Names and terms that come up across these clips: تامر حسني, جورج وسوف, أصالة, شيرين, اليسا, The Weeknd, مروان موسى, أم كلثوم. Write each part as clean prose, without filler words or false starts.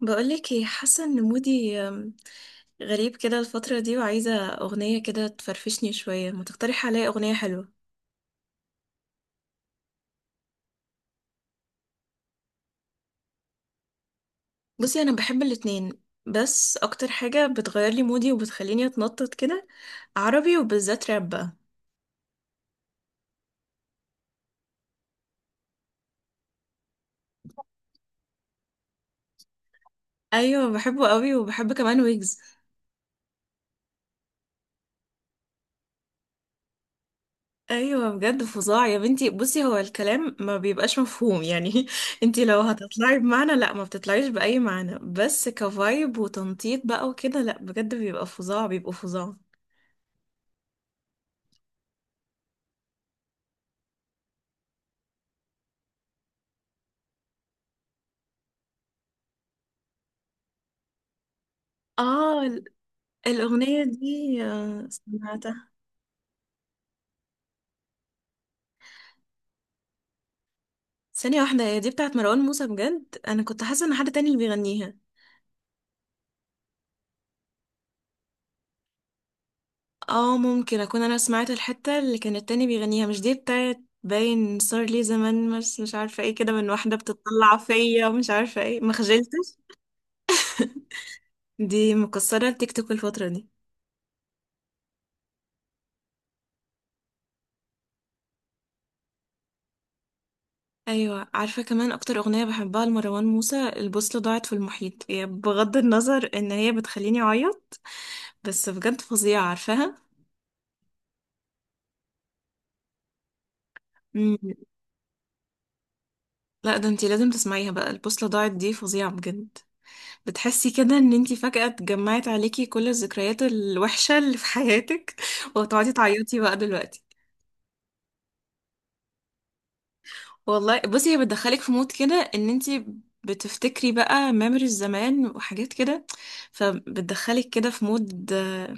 بقولك ايه، حاسه ان مودي غريب كده الفتره دي، وعايزه اغنيه كده تفرفشني شويه. ما تقترحي عليا اغنيه حلوه. بصي انا بحب الاتنين، بس اكتر حاجه بتغير لي مودي وبتخليني اتنطط كده عربي، وبالذات راب بقى. ايوه بحبه قوي، وبحب كمان ويجز. ايوه بجد فظاع يا بنتي. بصي هو الكلام ما بيبقاش مفهوم يعني انتي لو هتطلعي بمعنى لا ما بتطلعيش باي معنى، بس كفايب وتنطيط بقى وكده. لا بجد بيبقى فظاع، بيبقوا فظاع. اه. الأغنية دي سمعتها. ثانية واحدة، هي دي بتاعت مروان موسى بجد؟ أنا كنت حاسة إن حد تاني اللي بيغنيها. اه ممكن أكون أنا سمعت الحتة اللي كان التاني بيغنيها، مش دي بتاعت. باين صار لي زمان، بس مش عارفة ايه كده، من واحدة بتطلع فيا ومش عارفة ايه، ما خجلتش. دي مكسرة التيك توك الفترة دي. أيوة عارفة، كمان أكتر أغنية بحبها لمروان موسى البوصلة ضاعت في المحيط. هي بغض النظر إن هي بتخليني أعيط، بس بجد فظيعة، عارفاها. لا ده انتي لازم تسمعيها بقى. البوصلة ضاعت دي فظيعة بجد. بتحسي كده ان انتي فجأة اتجمعت عليكي كل الذكريات الوحشة اللي في حياتك وهتقعدي تعيطي بقى دلوقتي. والله بصي، هي بتدخلك في مود كده ان انتي بتفتكري بقى ميموريز زمان وحاجات كده، فبتدخلك كده في مود.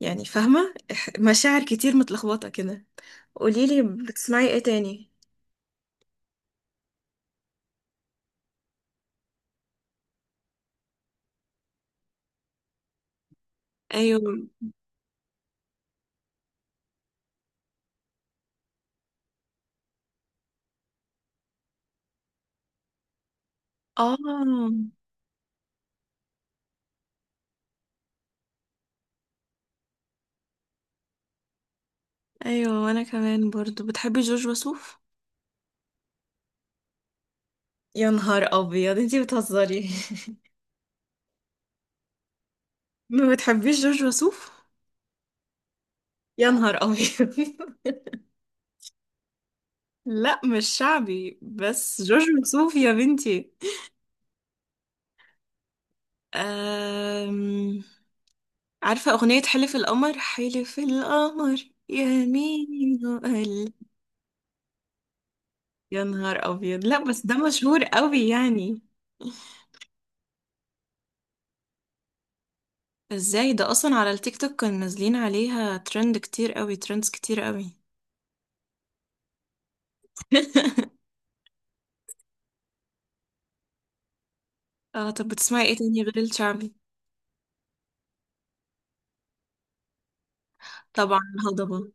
يعني فاهمة مشاعر كتير متلخبطة كده. قوليلي بتسمعي ايه تاني. ايوه. اه. ايوه، وانا كمان برضو. بتحبي جورج وسوف؟ يا نهار ابيض، انتي بتهزري. ما بتحبيش جورج وسوف؟ يا نهار ابيض. لا مش شعبي، بس جورج وسوف يا بنتي. أم... عارفة أغنية حلف القمر؟ حلف القمر يمين وقلب. يا نهار أبيض، لا بس ده مشهور قوي يعني. ازاي ده؟ أصلا على التيك توك كانوا نازلين عليها ترند كتير قوي، ترندز كتير قوي. اه. طب بتسمعي ايه تاني غير الشعبي؟ طبعا الهضبة.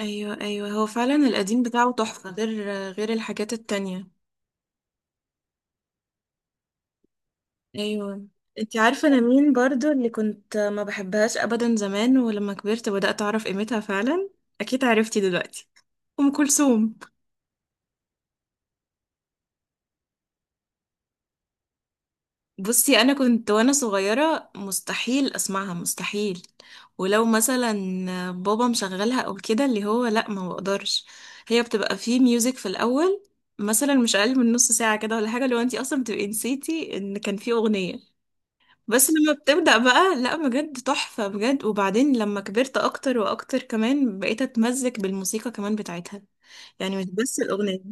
ايوه ايوه، هو فعلا القديم بتاعه تحفة، غير غير الحاجات التانية. ايوه. انتي عارفة انا مين برضو اللي كنت ما بحبهاش ابدا زمان، ولما كبرت بدأت اعرف قيمتها فعلا؟ اكيد عرفتي دلوقتي. ام كلثوم. بصي انا كنت وانا صغيرة مستحيل اسمعها، مستحيل. ولو مثلا بابا مشغلها او كده، اللي هو لا ما بقدرش. هي بتبقى فيه ميوزك في الاول، مثلا مش اقل من نص ساعة كده ولا حاجة، لو انتي اصلا بتبقي نسيتي ان كان فيه اغنية. بس لما بتبدأ بقى، لا بجد تحفة بجد. وبعدين لما كبرت أكتر وأكتر، كمان بقيت أتمزج بالموسيقى كمان بتاعتها، يعني مش بس الأغنية.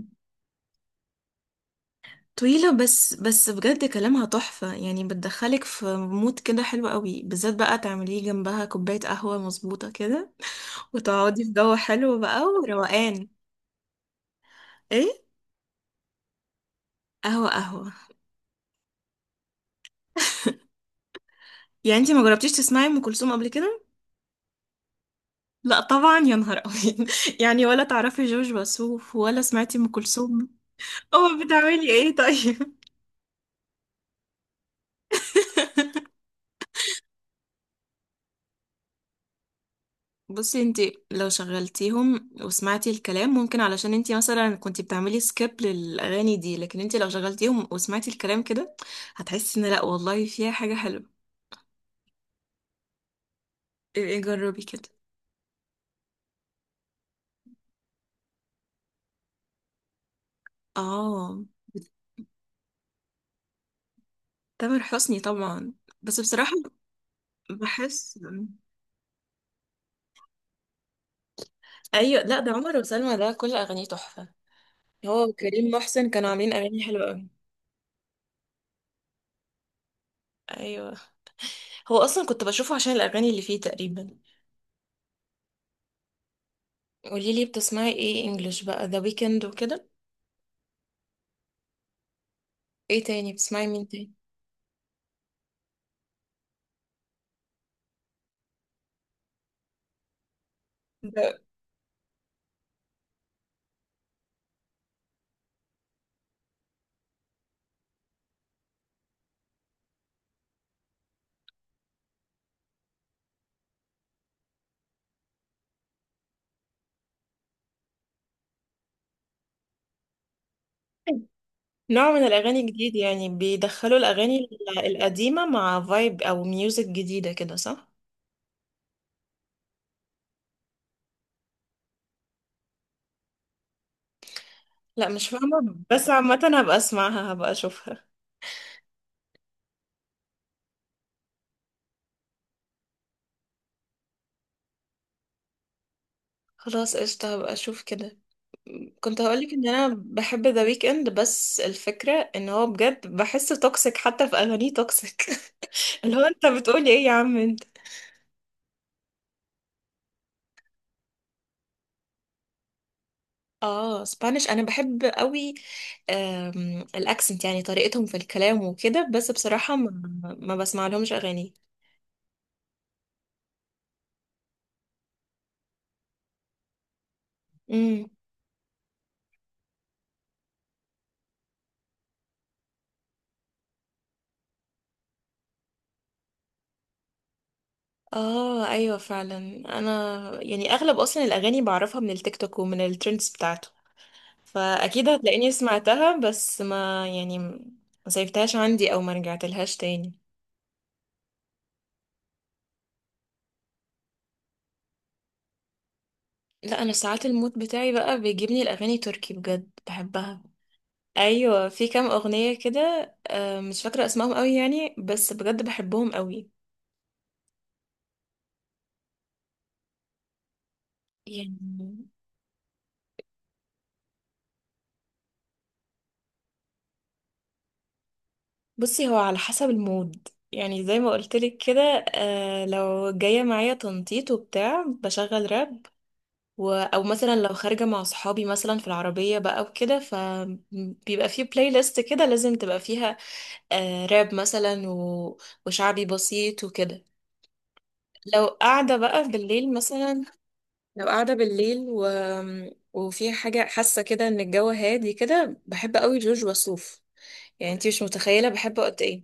طويلة، بس بس بجد كلامها تحفة يعني. بتدخلك في مود كده حلو قوي، بالذات بقى تعمليه جنبها كوباية قهوة مظبوطة كده، وتقعدي في جو حلو بقى وروقان. ايه، قهوة قهوة. يعني انتي ما جربتيش تسمعي أم كلثوم قبل كده؟ لا طبعا، يا نهار أبيض. يعني ولا تعرفي جورج وسوف، ولا سمعتي أم كلثوم. اه بتعملي ايه طيب؟ بصي انت لو شغلتيهم وسمعتي الكلام ممكن، علشان انت مثلا كنت بتعملي سكيب للاغاني دي، لكن انت لو شغلتيهم وسمعتي الكلام كده هتحسي ان لا والله فيها حاجه حلوه. ايه جربي كده. اه. تامر حسني طبعا، بس بصراحه بحس. ايوه لا، ده عمر وسلمى ده كل اغانيه تحفه، هو وكريم محسن كانوا عاملين اغاني حلوه قوي. ايوه. هو اصلا كنت بشوفه عشان الاغاني اللي فيه تقريبا. قولي لي بتسمعي ايه انجلش بقى، ذا ويكند وكده؟ ايه تاني، بتسمعي مين تاني؟ ده نوع من الاغاني جديد يعني، بيدخلوا الاغاني القديمه مع فايب او ميوزك جديده كده، صح؟ لا مش فاهمه، بس عامه هبقى اسمعها، هبقى اشوفها. خلاص قشطه، هبقى اشوف كده. كنت هقولك ان انا بحب ذا ويكند، بس الفكره ان هو بجد بحسه توكسيك حتى في اغانيه توكسيك. اللي هو انت بتقولي ايه يا عم. اه سبانيش انا بحب قوي، الاكسنت يعني طريقتهم في الكلام وكده، بس بصراحة ما بسمع لهمش اغاني. امم. اه ايوه فعلا. انا يعني اغلب اصلا الاغاني بعرفها من التيك توك ومن الترندز بتاعته، فاكيد هتلاقيني سمعتها، بس ما يعني ما سيفتهاش عندي او ما رجعتلهاش تاني. لا انا ساعات المود بتاعي بقى بيجيبني الاغاني تركي، بجد بحبها. ايوه، في كام اغنيه كده مش فاكره اسمائهم قوي يعني، بس بجد بحبهم قوي. يعني بصي، هو على حسب المود، يعني زي ما قلتلك كده. لو جايه معايا تنطيط وبتاع بشغل راب، او مثلا لو خارجه مع صحابي مثلا في العربيه بقى وكده، فبيبقى في بلاي ليست كده لازم تبقى فيها راب مثلا، وشعبي بسيط وكده. لو قاعده بقى بالليل مثلا، لو قاعدة بالليل وفي حاجة حاسة كده ان الجو هادي كده، بحب قوي جورج وسوف. يعني انتي مش متخيلة بحبه قد ايه.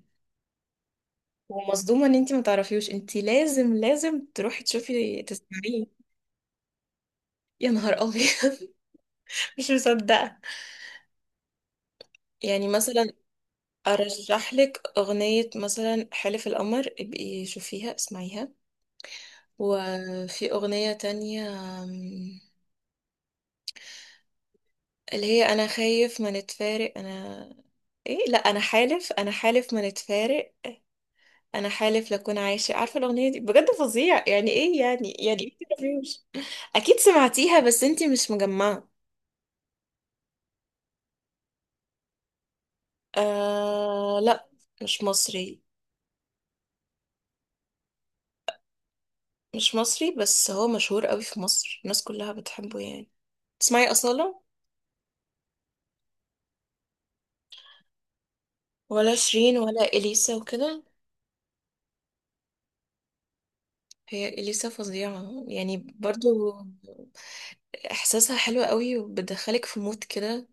ومصدومة ان انتي ما تعرفيوش. انتي لازم لازم تروحي تشوفي تسمعيه. يا نهار ابيض. مش مصدقة. يعني مثلا ارشح لك اغنية مثلا حلف القمر، ابقي شوفيها اسمعيها. وفي اغنية تانية، أم، اللي هي انا خايف ما نتفارق انا. ايه، لا انا حالف، انا حالف ما نتفارق. انا حالف لكون عايشه. عارفه الاغنيه دي؟ بجد فظيع يعني. ايه يعني؟ يعني ايه ترافيوش. اكيد سمعتيها، بس انتي مش مجمعه. آه لا. مش مصري. مش مصري، بس هو مشهور قوي في مصر الناس كلها بتحبه يعني. تسمعي اصاله، ولا شيرين، ولا اليسا وكده؟ هي اليسا فظيعه يعني برضو. احساسها حلو قوي، وبتدخلك في مود كده،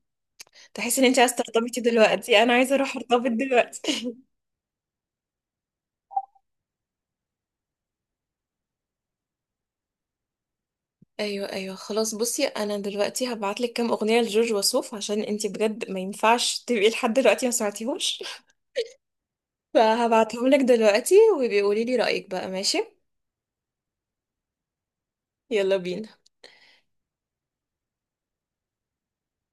تحسي ان انت عايزه ترتبطي دلوقتي. انا عايزه اروح ارتبط دلوقتي. ايوه ايوه. خلاص بصي، انا دلوقتي هبعتلك كام اغنيه لجورج وسوف، عشان انتي بجد ما ينفعش تبقي لحد دلوقتي ما سمعتيهوش. فهبعتهم لك دلوقتي، وبيقولي لي رايك بقى، ماشي؟ يلا بينا.